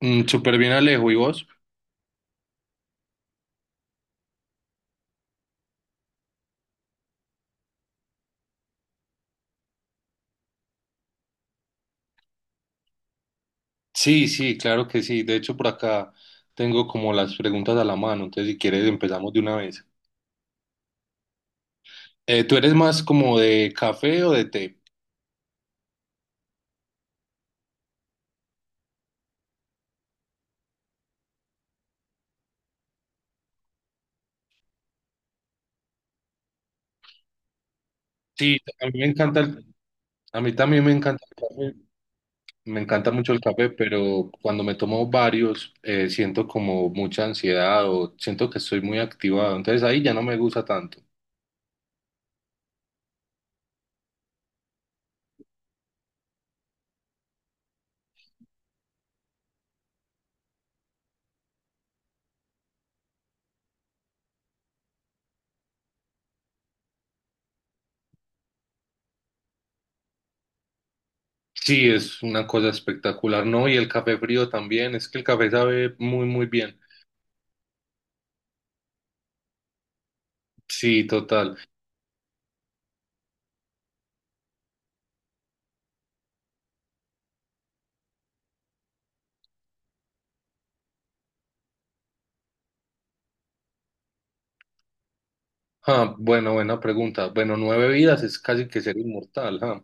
Súper bien, Alejo. ¿Y vos? Sí, sí, claro que sí. De hecho, por acá tengo como las preguntas a la mano. Entonces, si quieres, empezamos de una vez. ¿Tú eres más como de café o de té? Sí, a mí me encanta a mí también me encanta el café. Me encanta mucho el café, pero cuando me tomo varios, siento como mucha ansiedad o siento que estoy muy activado. Entonces, ahí ya no me gusta tanto. Sí, es una cosa espectacular, ¿no? Y el café frío también. Es que el café sabe muy, muy bien. Sí, total. Ah, bueno, buena pregunta. Bueno, nueve vidas es casi que ser inmortal, ah.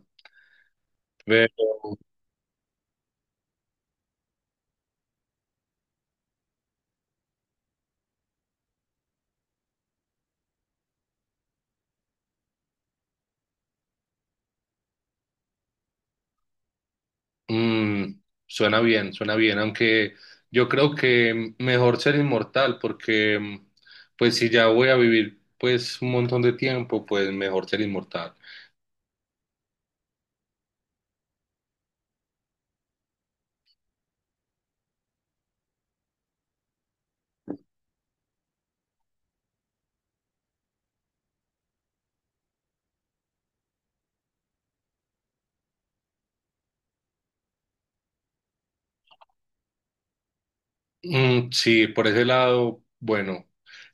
Pero mm, suena bien, aunque yo creo que mejor ser inmortal porque pues si ya voy a vivir pues un montón de tiempo, pues mejor ser inmortal. Mm, sí, por ese lado, bueno,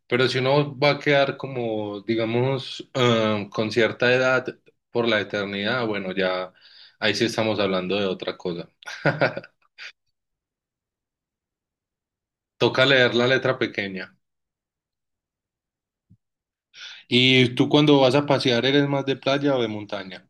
pero si uno va a quedar como, digamos, ah, con cierta edad por la eternidad, bueno, ya ahí sí estamos hablando de otra cosa. Toca leer la letra pequeña. ¿Y tú cuando vas a pasear eres más de playa o de montaña?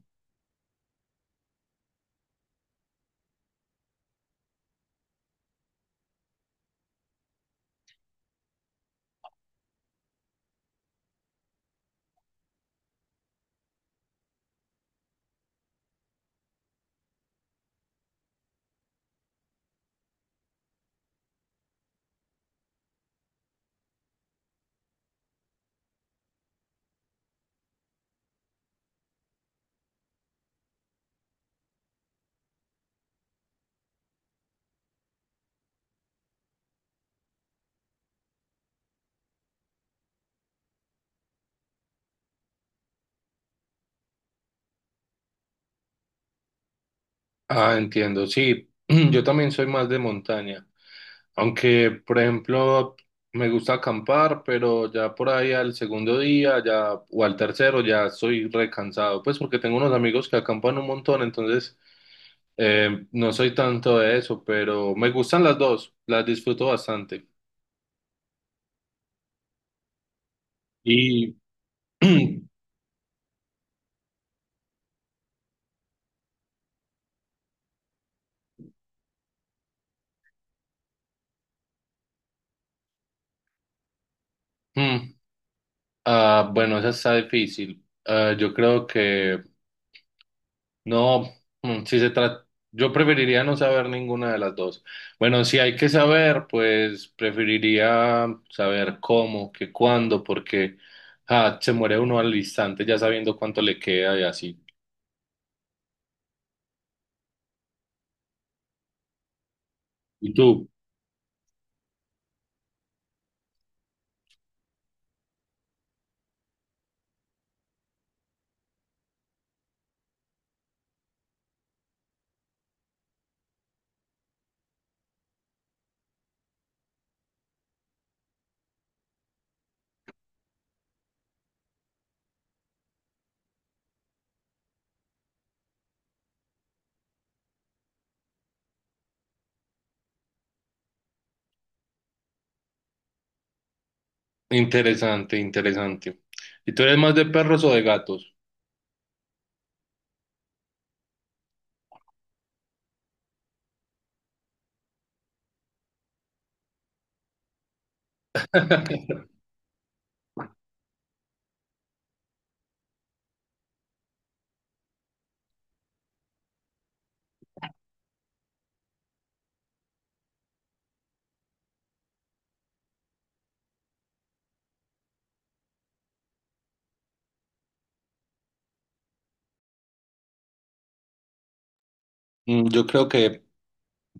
Ah, entiendo, sí, yo también soy más de montaña. Aunque, por ejemplo, me gusta acampar, pero ya por ahí al segundo día ya, o al tercero ya estoy recansado, pues porque tengo unos amigos que acampan un montón, entonces no soy tanto de eso, pero me gustan las dos, las disfruto bastante. Y, mm. Ah, bueno, esa está difícil. Ah, yo creo que no, si se trata, yo preferiría no saber ninguna de las dos. Bueno, si hay que saber, pues preferiría saber cómo, que cuándo, porque ah, se muere uno al instante ya sabiendo cuánto le queda y así. ¿Y tú? Interesante, interesante. ¿Y tú eres más de perros o de gatos? Mm, yo creo que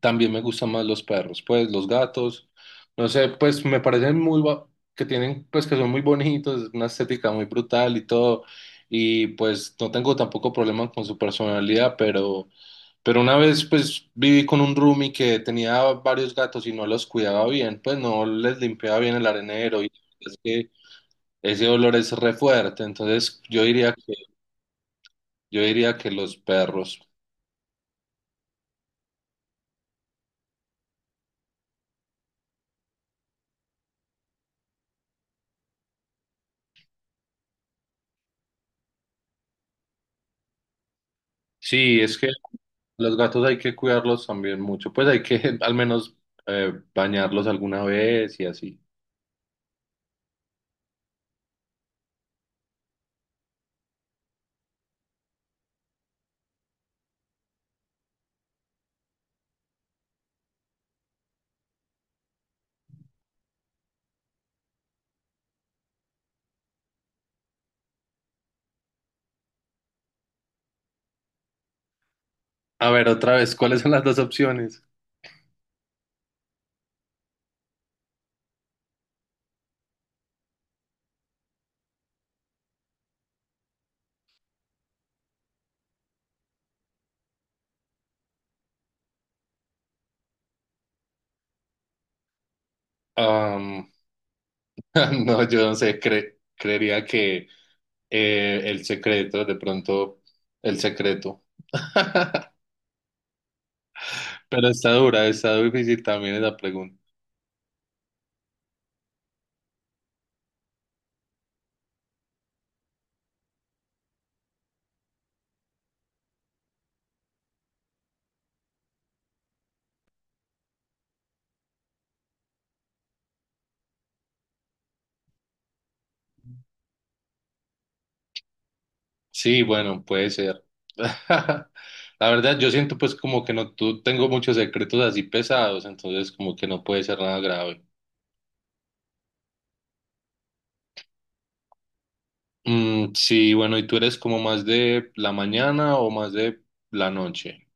también me gustan más los perros, pues los gatos, no sé, pues me parecen muy, que tienen, pues que son muy bonitos, una estética muy brutal y todo, y pues no tengo tampoco problemas con su personalidad, pero una vez pues viví con un roomie que tenía varios gatos y no los cuidaba bien, pues no les limpiaba bien el arenero y es que ese olor es re fuerte, entonces yo diría que los perros. Sí, es que los gatos hay que cuidarlos también mucho, pues hay que al menos bañarlos alguna vez y así. A ver, otra vez, ¿cuáles son las dos opciones? Am, no, yo no sé, creería que el secreto, de pronto el secreto. Pero está dura, está difícil también esa pregunta. Sí, bueno, puede ser. La verdad, yo siento pues como que no, tú tengo muchos secretos así pesados, entonces como que no puede ser nada grave. Mm, sí, bueno, ¿y tú eres como más de la mañana o más de la noche?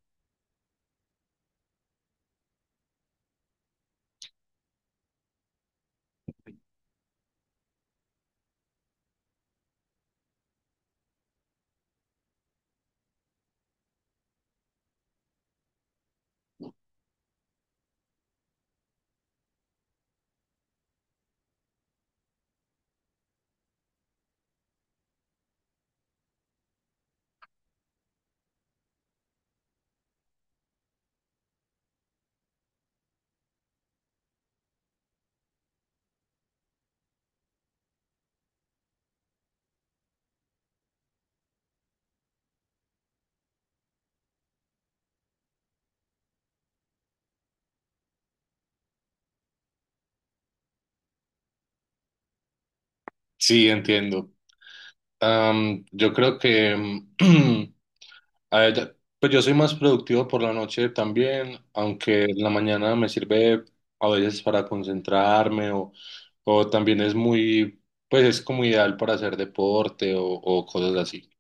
Sí, entiendo. Am, yo creo que, mm, a ver, pues yo soy más productivo por la noche también, aunque en la mañana me sirve a veces para concentrarme o también es muy, pues es como ideal para hacer deporte o cosas así.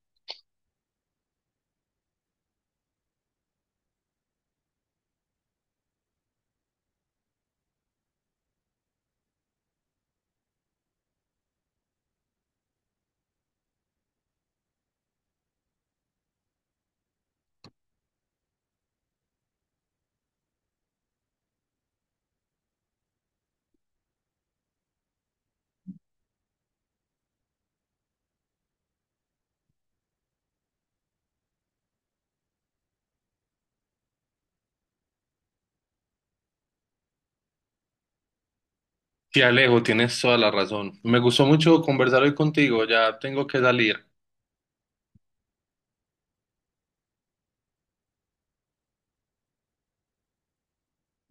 Sí, Alejo, tienes toda la razón. Me gustó mucho conversar hoy contigo, ya tengo que salir.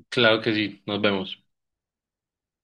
Claro que sí, nos vemos.